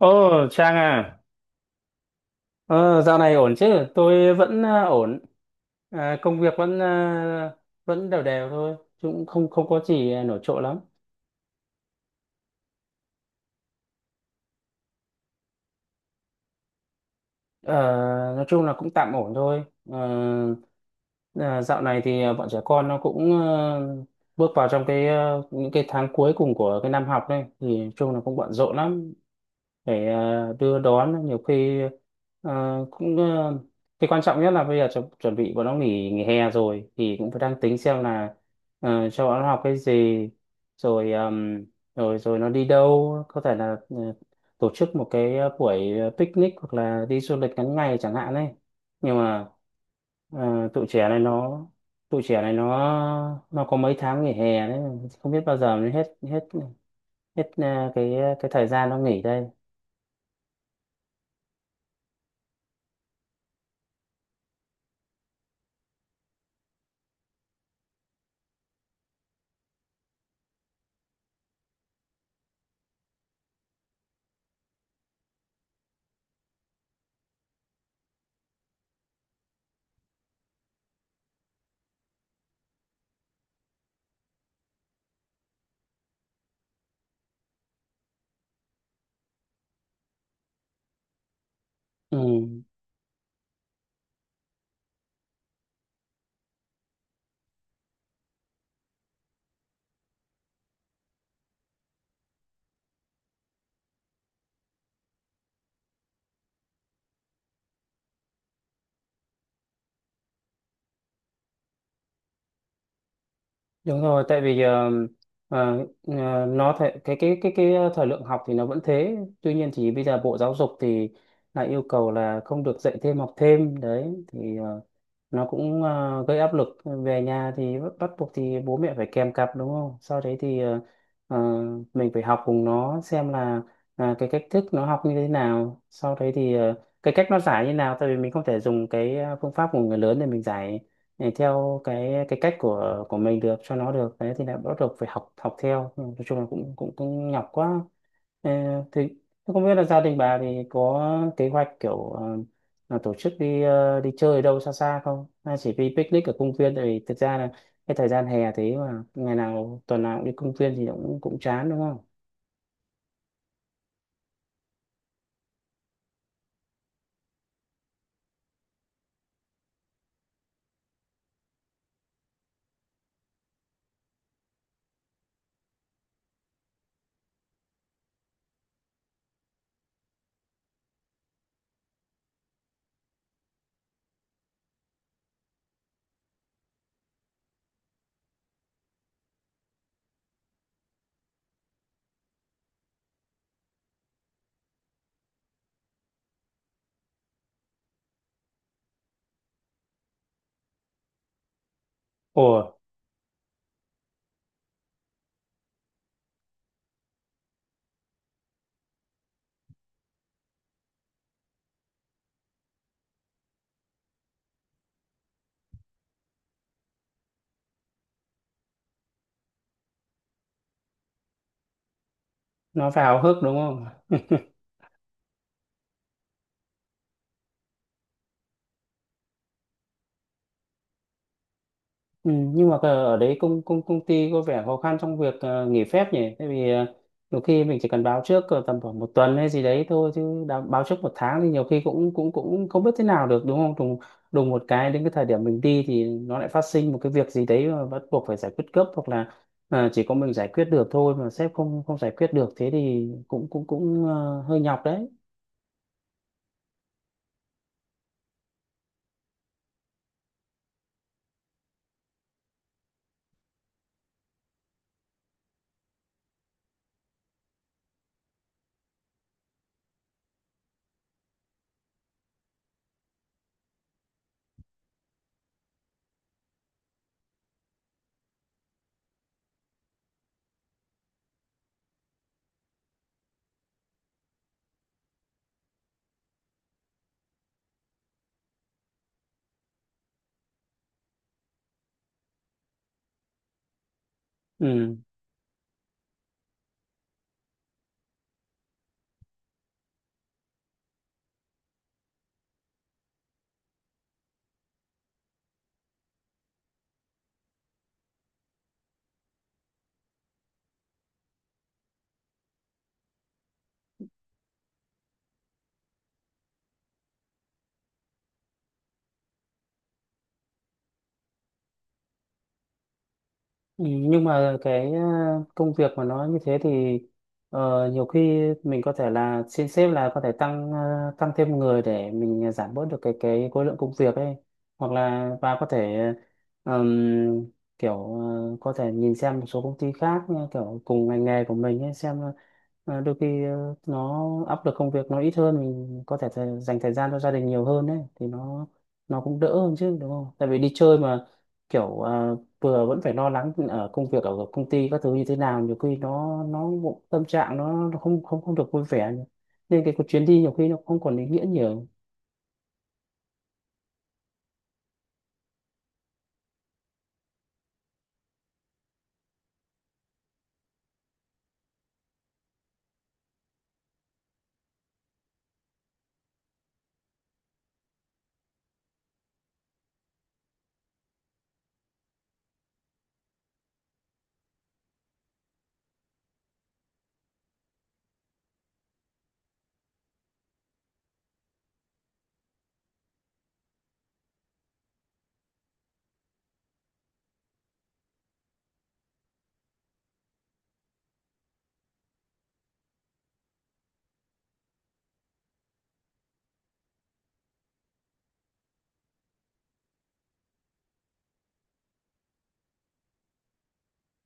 Ồ, Trang à, ờ, dạo này ổn chứ? Tôi vẫn ổn. Công việc vẫn vẫn đều đều thôi, chứ cũng không không có gì nổi trội lắm. Ờ, nói chung là cũng tạm ổn thôi. Ờ, Dạo này thì bọn trẻ con nó cũng bước vào trong những cái tháng cuối cùng của cái năm học đây, thì nói chung là cũng bận rộn lắm. Để đưa đón nhiều khi ờ, cũng ờ, cái quan trọng nhất là bây giờ chuẩn bị bọn nó nghỉ nghỉ hè rồi thì cũng phải đang tính xem là cho bọn nó học cái gì, rồi rồi rồi nó đi đâu, có thể là tổ chức một cái buổi picnic hoặc là đi du lịch ngắn ngày chẳng hạn ấy. Nhưng mà ờ, tụi trẻ này nó tụi trẻ này nó có mấy tháng nghỉ hè đấy, không biết bao giờ mới hết hết hết cái thời gian nó nghỉ đây. Ừ, đúng rồi. Tại vì thời lượng học thì nó vẫn thế, tuy nhiên thì bây giờ Bộ Giáo dục thì lại yêu cầu là không được dạy thêm học thêm đấy, thì nó cũng gây áp lực về nhà, thì bắt bắt buộc thì bố mẹ phải kèm cặp đúng không. Sau đấy thì ờ, mình phải học cùng nó xem là cái cách thức nó học như thế nào, sau đấy thì cái cách nó giải như nào, tại vì mình không thể dùng cái phương pháp của người lớn để mình giải, để theo cái cách của mình được cho nó được đấy, thì lại bắt buộc phải học học theo. Ừ, nói chung là cũng cũng cũng nhọc quá. Ờ, thì Thế không biết là gia đình bà thì có kế hoạch kiểu là tổ chức đi đi chơi đâu xa xa không, hay chỉ đi picnic ở công viên? Tại vì thực ra là cái thời gian hè thế mà ngày nào tuần nào cũng đi công viên thì cũng cũng chán đúng không. Ủa, nó phải vào hức đúng không. Ừ, nhưng mà ở đấy công công công ty có vẻ khó khăn trong việc nghỉ phép nhỉ? Tại vì nhiều khi mình chỉ cần báo trước tầm khoảng một tuần hay gì đấy thôi, chứ báo trước một tháng thì nhiều khi cũng cũng cũng không biết thế nào được đúng không? Đùng Đùng một cái đến cái thời điểm mình đi thì nó lại phát sinh một cái việc gì đấy mà bắt buộc phải giải quyết gấp, hoặc là chỉ có mình giải quyết được thôi mà sếp không không giải quyết được, thế thì cũng cũng cũng ờ, hơi nhọc đấy. Ừ. Ừ, nhưng mà cái công việc mà nó như thế thì nhiều khi mình có thể là xin sếp là có thể tăng tăng thêm người để mình giảm bớt được cái khối lượng công việc ấy, hoặc là và có thể ừm, kiểu có thể nhìn xem một số công ty khác kiểu cùng ngành nghề của mình ấy, xem đôi khi nó áp lực công việc nó ít hơn, mình có thể thời, dành thời gian cho gia đình nhiều hơn ấy, thì nó cũng đỡ hơn chứ đúng không? Tại vì đi chơi mà kiểu vừa vẫn phải lo lắng ở công việc ở công ty các thứ như thế nào, nhiều khi tâm trạng nó không không không được vui vẻ, nên cái chuyến đi nhiều khi nó không còn ý nghĩa nhiều.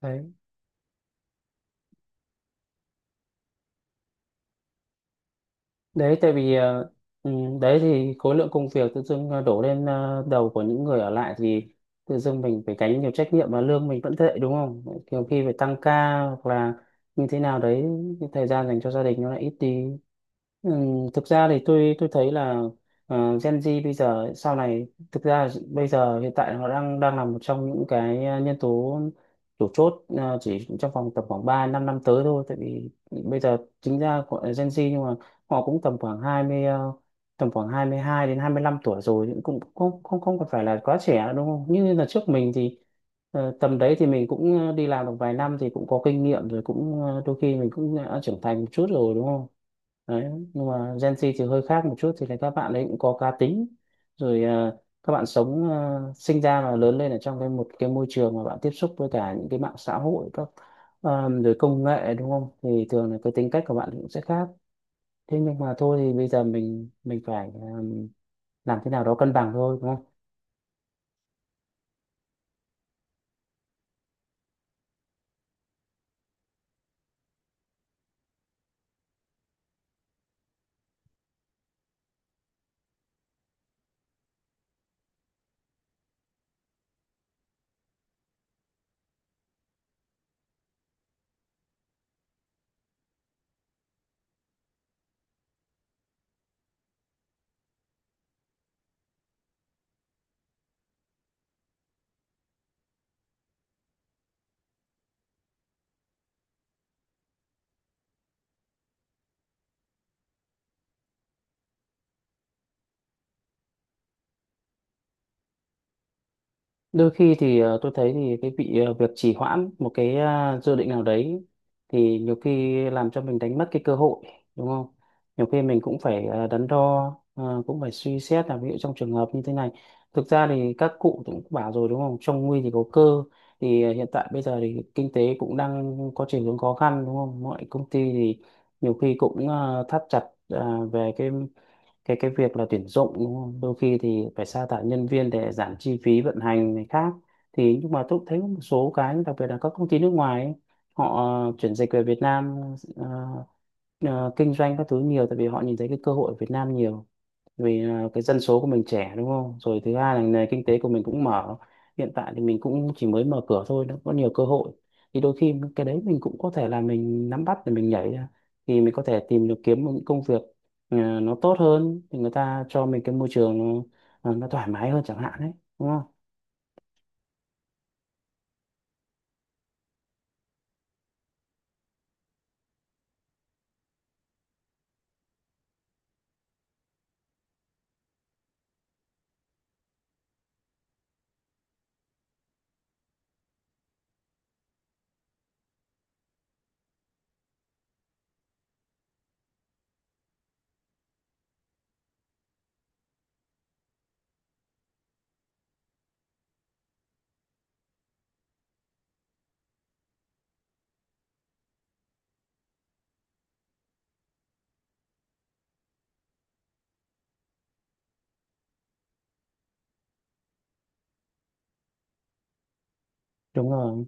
Đấy đấy tại vì ừ, đấy thì khối lượng công việc tự dưng đổ lên đầu của những người ở lại, thì tự dưng mình phải gánh nhiều trách nhiệm mà lương mình vẫn tệ đúng không. Nhiều khi phải tăng ca hoặc là như thế nào đấy, cái thời gian dành cho gia đình nó lại ít đi. ừ, Thực ra thì tôi thấy là Gen Z bây giờ sau này, thực ra bây giờ hiện tại họ đang đang là một trong những cái nhân tố chủ chốt chỉ trong vòng tầm khoảng 3 5 năm tới thôi. Tại vì bây giờ chính ra gọi là Gen Z nhưng mà họ cũng tầm khoảng 20 tầm khoảng 22 đến 25 tuổi rồi, thì cũng không không không còn phải là quá trẻ nữa, đúng không, như là trước mình thì tầm đấy thì mình cũng đi làm được vài năm thì cũng có kinh nghiệm rồi, cũng đôi khi mình cũng đã trưởng thành một chút rồi đúng không. Đấy, nhưng mà Gen Z thì hơi khác một chút, thì là các bạn ấy cũng có cá tính rồi các bạn sống sinh ra và lớn lên ở trong cái một cái môi trường mà bạn tiếp xúc với cả những cái mạng xã hội các rồi công nghệ đúng không, thì thường là cái tính cách của bạn cũng sẽ khác. Thế nhưng mà thôi thì bây giờ mình phải làm thế nào đó cân bằng thôi đúng không. Đôi khi thì tôi thấy thì cái bị việc trì hoãn một cái dự định nào đấy, thì nhiều khi làm cho mình đánh mất cái cơ hội đúng không. Nhiều khi mình cũng phải đắn đo, cũng phải suy xét là ví dụ trong trường hợp như thế này, thực ra thì các cụ cũng bảo rồi đúng không, trong nguy thì có cơ. Thì hiện tại bây giờ thì kinh tế cũng đang có chiều hướng khó khăn đúng không, mọi công ty thì nhiều khi cũng thắt chặt về cái việc là tuyển dụng đúng không? Đôi khi thì phải sa thải nhân viên để giảm chi phí vận hành này khác. Thì nhưng mà tôi cũng thấy có một số cái đặc biệt là các công ty nước ngoài ấy, họ chuyển dịch về Việt Nam ờ, ờ, kinh doanh các thứ nhiều, tại vì họ nhìn thấy cái cơ hội ở Việt Nam nhiều. Vì cái dân số của mình trẻ đúng không, rồi thứ hai là nền kinh tế của mình cũng mở, hiện tại thì mình cũng chỉ mới mở cửa thôi, nó có nhiều cơ hội. Thì đôi khi cái đấy mình cũng có thể là mình nắm bắt để mình nhảy ra, thì mình có thể tìm được kiếm một những công việc nó tốt hơn, thì người ta cho mình cái môi trường nó thoải mái hơn chẳng hạn đấy đúng không. Đúng rồi.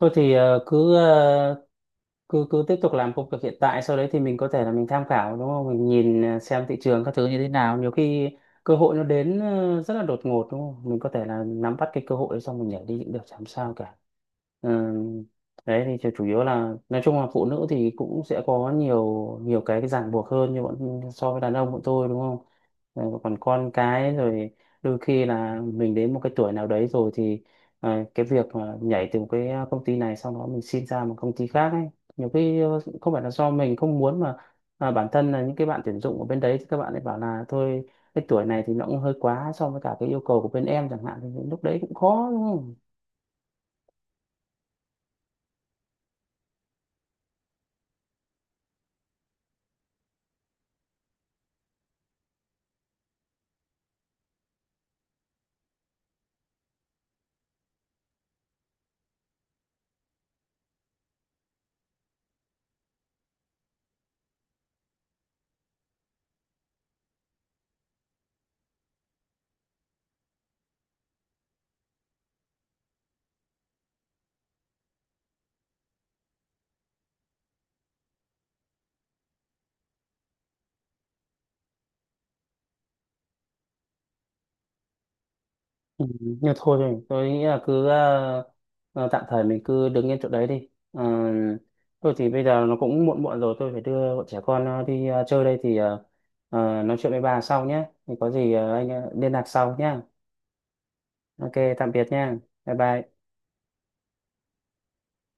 Thôi thì cứ ờ, cứ cứ tiếp tục làm công việc hiện tại, sau đấy thì mình có thể là mình tham khảo đúng không, mình nhìn xem thị trường các thứ như thế nào, nhiều khi cơ hội nó đến rất là đột ngột đúng không, mình có thể là nắm bắt cái cơ hội đấy xong mình nhảy đi cũng được chẳng sao cả. Ừ, đấy thì chủ chủ yếu là nói chung là phụ nữ thì cũng sẽ có nhiều nhiều cái ràng buộc hơn, như bọn so với đàn ông bọn tôi đúng không. Ừ, còn con cái rồi đôi khi là mình đến một cái tuổi nào đấy rồi thì cái việc mà nhảy từ một cái công ty này sau đó mình xin ra một công ty khác ấy, nhiều khi không phải là do mình không muốn, mà bản thân là những cái bạn tuyển dụng ở bên đấy thì các bạn ấy bảo là thôi, cái tuổi này thì nó cũng hơi quá so với cả cái yêu cầu của bên em chẳng hạn, thì lúc đấy cũng khó đúng không. Ừ, nhưng thôi rồi, tôi nghĩ là cứ tạm thời mình cứ đứng yên chỗ đấy đi. Ờ, Thôi thì bây giờ nó cũng muộn muộn rồi, tôi phải đưa bọn trẻ con đi chơi đây, thì nói chuyện với bà sau nhé. Thì có gì anh liên lạc sau nhé. Ok, tạm biệt nha. Bye bye.